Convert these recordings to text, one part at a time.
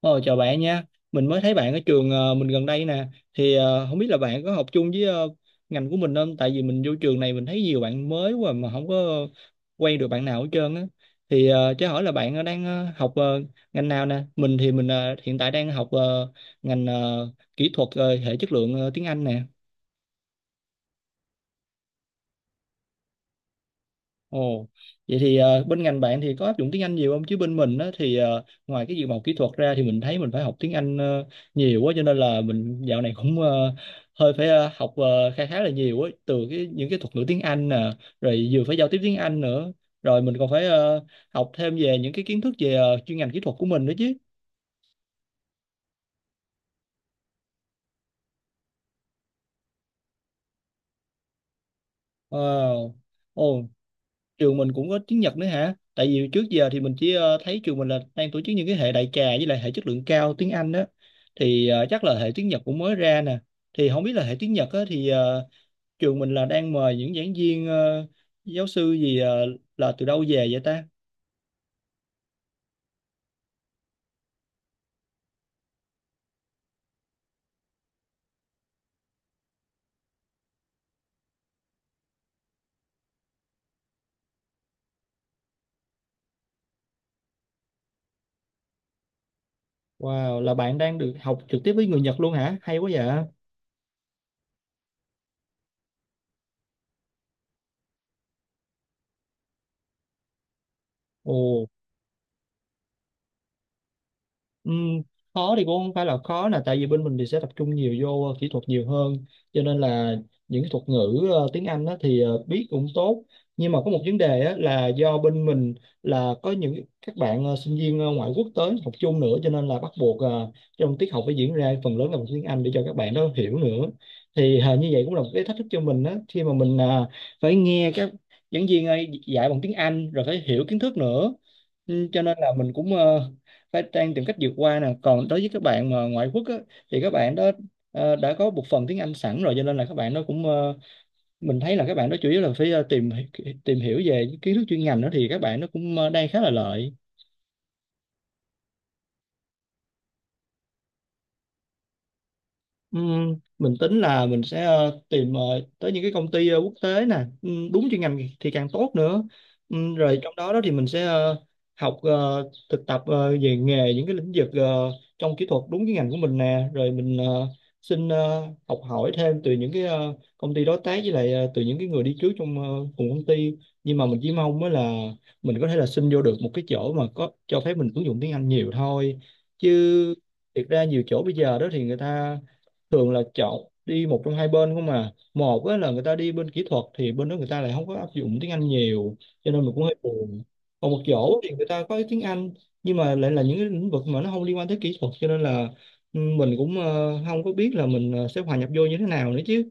Ờ, Chào bạn nha. Mình mới thấy bạn ở trường, mình gần đây nè. Thì không biết là bạn có học chung với, ngành của mình không? Tại vì mình vô trường này mình thấy nhiều bạn mới quá mà không có quen được bạn nào hết trơn á. Thì cho hỏi là bạn đang học ngành nào nè? Mình thì mình hiện tại đang học ngành kỹ thuật hệ chất lượng tiếng Anh nè. Ồ, vậy thì bên ngành bạn thì có áp dụng tiếng Anh nhiều không? Chứ bên mình á, thì ngoài cái dự màu kỹ thuật ra thì mình thấy mình phải học tiếng Anh nhiều quá, cho nên là mình dạo này cũng hơi phải học khá khá là nhiều á, từ cái những cái thuật ngữ tiếng Anh nè, rồi vừa phải giao tiếp tiếng Anh nữa, rồi mình còn phải học thêm về những cái kiến thức về chuyên ngành kỹ thuật của mình nữa chứ. Wow. Ồ, trường mình cũng có tiếng Nhật nữa hả? Tại vì trước giờ thì mình chỉ thấy trường mình là đang tổ chức những cái hệ đại trà với lại hệ chất lượng cao tiếng Anh đó. Thì chắc là hệ tiếng Nhật cũng mới ra nè. Thì không biết là hệ tiếng Nhật á, thì trường mình là đang mời những giảng viên, giáo sư gì là từ đâu về vậy ta? Wow, là bạn đang được học trực tiếp với người Nhật luôn hả? Hay quá vậy. Ồ. Ừm, Khó thì cũng không phải là khó, là tại vì bên mình thì sẽ tập trung nhiều vô kỹ thuật nhiều hơn, cho nên là những cái thuật ngữ tiếng Anh á, thì biết cũng tốt, nhưng mà có một vấn đề á, là do bên mình là có những các bạn sinh viên ngoại quốc tới học chung nữa, cho nên là bắt buộc trong tiết học phải diễn ra phần lớn là bằng tiếng Anh để cho các bạn đó hiểu nữa. Thì như vậy cũng là một cái thách thức cho mình á, khi mà mình phải nghe các giảng viên ấy dạy bằng tiếng Anh rồi phải hiểu kiến thức nữa. Ừ, cho nên là mình cũng phải trang tìm cách vượt qua nè, còn đối với các bạn mà ngoại quốc á, thì các bạn đó đã có một phần tiếng Anh sẵn rồi, cho nên là các bạn đó cũng mình thấy là các bạn đó chủ yếu là phải tìm tìm hiểu về kiến thức chuyên ngành đó, thì các bạn nó cũng đang khá là lợi. Mình tính là mình sẽ tìm tới những cái công ty quốc tế nè, đúng chuyên ngành thì càng tốt nữa. Rồi trong đó đó thì mình sẽ học thực tập về nghề những cái lĩnh vực trong kỹ thuật đúng cái ngành của mình nè, rồi mình xin học hỏi thêm từ những cái công ty đối tác, với lại từ những cái người đi trước trong cùng công ty. Nhưng mà mình chỉ mong mới là mình có thể là xin vô được một cái chỗ mà có cho phép mình ứng dụng tiếng Anh nhiều thôi. Chứ thiệt ra nhiều chỗ bây giờ đó thì người ta thường là chọn đi một trong hai bên không mà, một á là người ta đi bên kỹ thuật thì bên đó người ta lại không có áp dụng tiếng Anh nhiều, cho nên mình cũng hơi buồn. Còn một chỗ thì người ta có tiếng Anh, nhưng mà lại là những cái lĩnh vực mà nó không liên quan tới kỹ thuật, cho nên là mình cũng không có biết là mình sẽ hòa nhập vô như thế nào nữa chứ.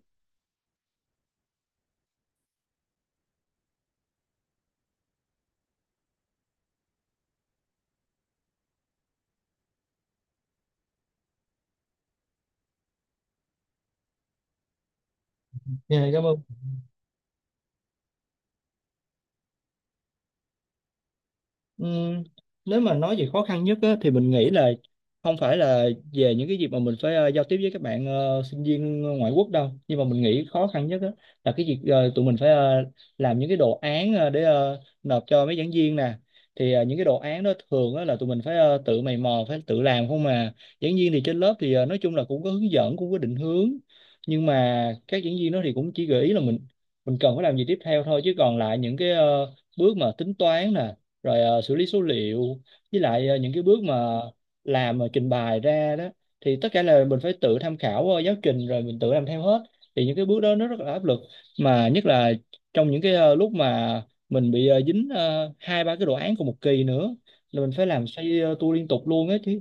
Dạ, cảm ơn. Ừm, Nếu mà nói về khó khăn nhất á, thì mình nghĩ là không phải là về những cái việc mà mình phải giao tiếp với các bạn sinh viên ngoại quốc đâu, nhưng mà mình nghĩ khó khăn nhất á, là cái việc tụi mình phải làm những cái đồ án để nộp cho mấy giảng viên nè. Thì những cái đồ án đó thường á, là tụi mình phải tự mày mò phải tự làm không mà. Giảng viên thì trên lớp thì nói chung là cũng có hướng dẫn cũng có định hướng, nhưng mà các giảng viên đó thì cũng chỉ gợi ý là mình cần phải làm gì tiếp theo thôi, chứ còn lại những cái bước mà tính toán nè, rồi xử lý số liệu, với lại những cái bước mà làm trình bày ra đó, thì tất cả là mình phải tự tham khảo giáo trình rồi mình tự làm theo hết. Thì những cái bước đó nó rất là áp lực, mà nhất là trong những cái lúc mà mình bị dính hai ba cái đồ án cùng một kỳ nữa, là mình phải làm xoay tua liên tục luôn á chứ.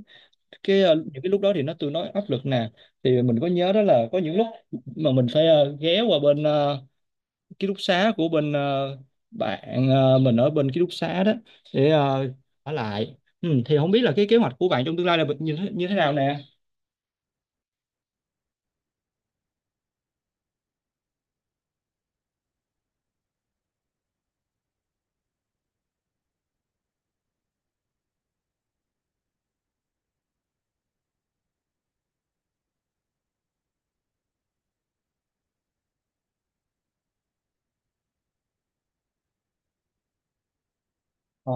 Cái những cái lúc đó thì nó tương đối áp lực nè. Thì mình có nhớ đó là có những lúc mà mình phải ghé qua bên ký túc xá của bên bạn, mình ở bên ký túc xá đó để ở lại. Ừ, thì không biết là cái kế hoạch của bạn trong tương lai là như thế nào nè. Ờ.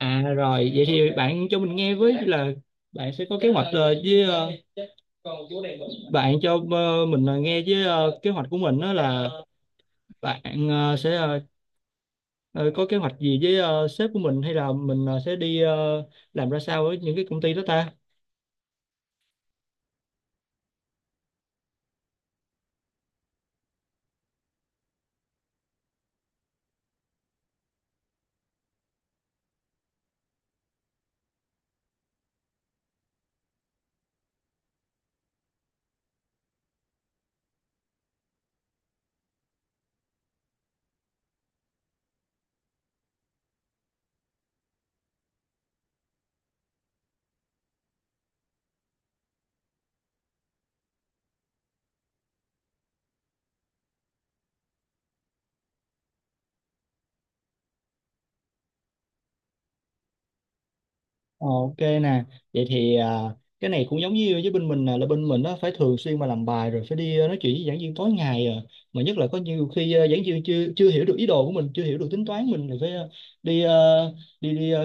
À rồi vậy thì bạn cho mình nghe với là bạn sẽ có kế hoạch với bạn cho mình nghe với kế hoạch của mình đó là bạn sẽ ờ, có kế hoạch gì với sếp của mình, hay là mình sẽ đi làm ra sao với những cái công ty đó ta? Ờ, Ok nè, vậy thì cái này cũng giống như với bên mình, là bên mình á, phải thường xuyên mà làm bài, rồi phải đi nói chuyện với giảng viên tối ngày à. Mà nhất là có nhiều khi giảng viên chưa chưa hiểu được ý đồ của mình, chưa hiểu được tính toán mình, thì phải à, đi đi à,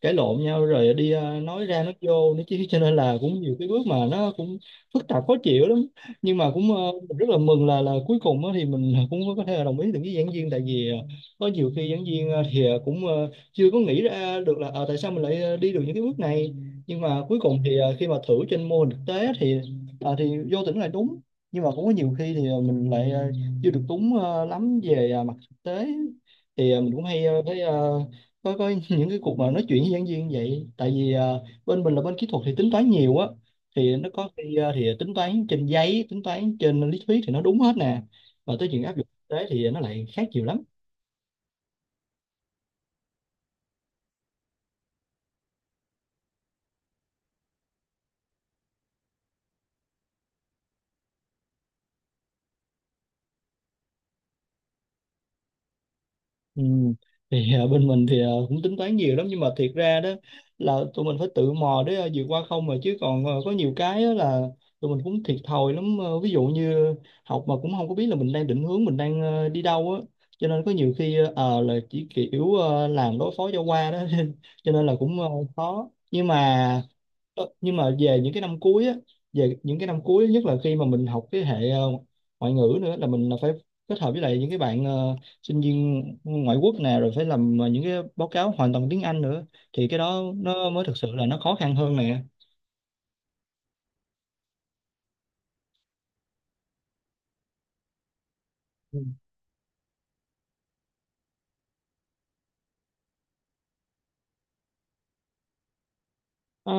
cãi lộn nhau, rồi đi nói ra nói vô nữa chứ, cho nên là cũng nhiều cái bước mà nó cũng phức tạp khó chịu lắm. Nhưng mà cũng mình rất là mừng là cuối cùng á thì mình cũng có thể là đồng ý được với giảng viên, tại vì có nhiều khi giảng viên thì cũng chưa có nghĩ ra được là tại sao mình lại đi được những cái bước này, nhưng mà cuối cùng thì khi mà thử trên mô hình thực tế thì vô tình là đúng. Nhưng mà cũng có nhiều khi thì mình lại chưa được đúng lắm về mặt thực tế, thì mình cũng hay thấy coi coi những cái cuộc mà nói chuyện với giảng viên vậy. Tại vì bên mình là bên kỹ thuật thì tính toán nhiều á, thì nó có khi thì tính toán trên giấy, tính toán trên lý thuyết thì nó đúng hết nè, mà tới chuyện áp dụng thực tế thì nó lại khác nhiều lắm. Ừ. Thì bên mình thì cũng tính toán nhiều lắm, nhưng mà thiệt ra đó là tụi mình phải tự mò để vượt qua không mà, chứ còn có nhiều cái á, là tụi mình cũng thiệt thòi lắm. Ờ, ví dụ như học mà cũng không có biết là mình đang định hướng, mình đang đi đâu á, cho nên có nhiều khi là chỉ kiểu làm đối phó cho qua đó cho nên là cũng khó, nhưng mà. Ờ, nhưng mà về những cái năm cuối á, về những cái năm cuối nhất là khi mà mình học cái hệ ngoại ngữ nữa, là mình là phải kết hợp với lại những cái bạn sinh viên ngoại quốc nè, rồi phải làm những cái báo cáo hoàn toàn tiếng Anh nữa, thì cái đó nó mới thực sự là nó khó khăn hơn nè. Ừ. Ờ,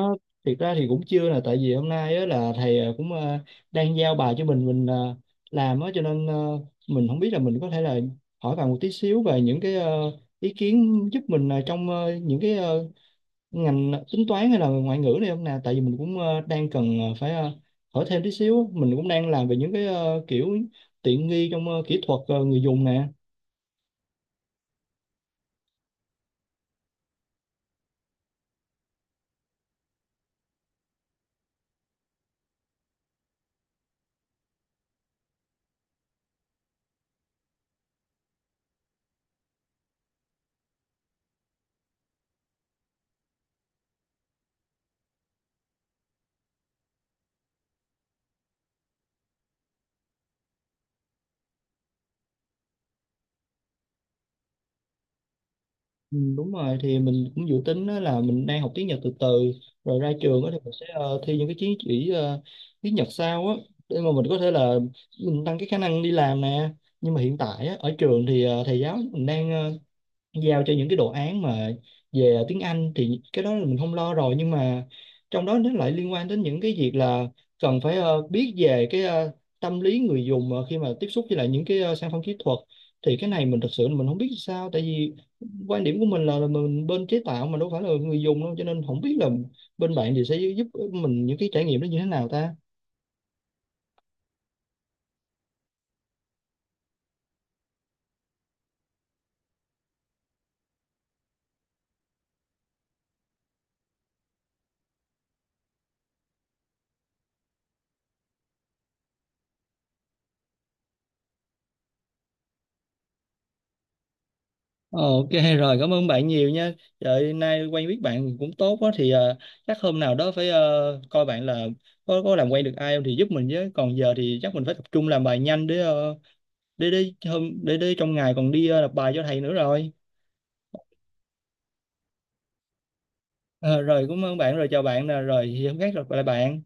thiệt ra thì cũng chưa, là tại vì hôm nay á, là thầy cũng đang giao bài cho mình làm á, cho nên mình không biết là mình có thể là hỏi bạn một tí xíu về những cái ý kiến, giúp mình trong những cái ngành tính toán hay là ngoại ngữ này không nè, tại vì mình cũng đang cần phải hỏi thêm tí xíu á. Mình cũng đang làm về những cái kiểu tiện nghi trong kỹ thuật người dùng nè. Ừ, đúng rồi, thì mình cũng dự tính á là mình đang học tiếng Nhật từ từ, rồi ra trường á thì mình sẽ thi những cái chứng chỉ tiếng Nhật sau á, để mà mình có thể là mình tăng cái khả năng đi làm nè. Nhưng mà hiện tại á, ở trường thì thầy giáo mình đang giao cho những cái đồ án mà về tiếng Anh thì cái đó là mình không lo rồi, nhưng mà trong đó nó lại liên quan đến những cái việc là cần phải biết về cái tâm lý người dùng khi mà tiếp xúc với lại những cái sản phẩm kỹ thuật. Thì cái này mình thật sự mình không biết sao, tại vì quan điểm của mình là mình bên chế tạo mà đâu phải là người dùng đâu, cho nên không biết là bên bạn thì sẽ giúp mình những cái trải nghiệm đó như thế nào ta? Ờ, Ok, rồi cảm ơn bạn nhiều nha. Trời nay quen biết bạn cũng tốt quá, thì chắc hôm nào đó phải coi bạn là có làm quen được ai không thì giúp mình với. Còn giờ thì chắc mình phải tập trung làm bài nhanh, để ờ, để hôm để trong ngày còn đi nộp bài cho thầy nữa rồi. Ờ, rồi cảm ơn bạn, rồi chào bạn nè, rồi thì hôm khác gặp lại bạn.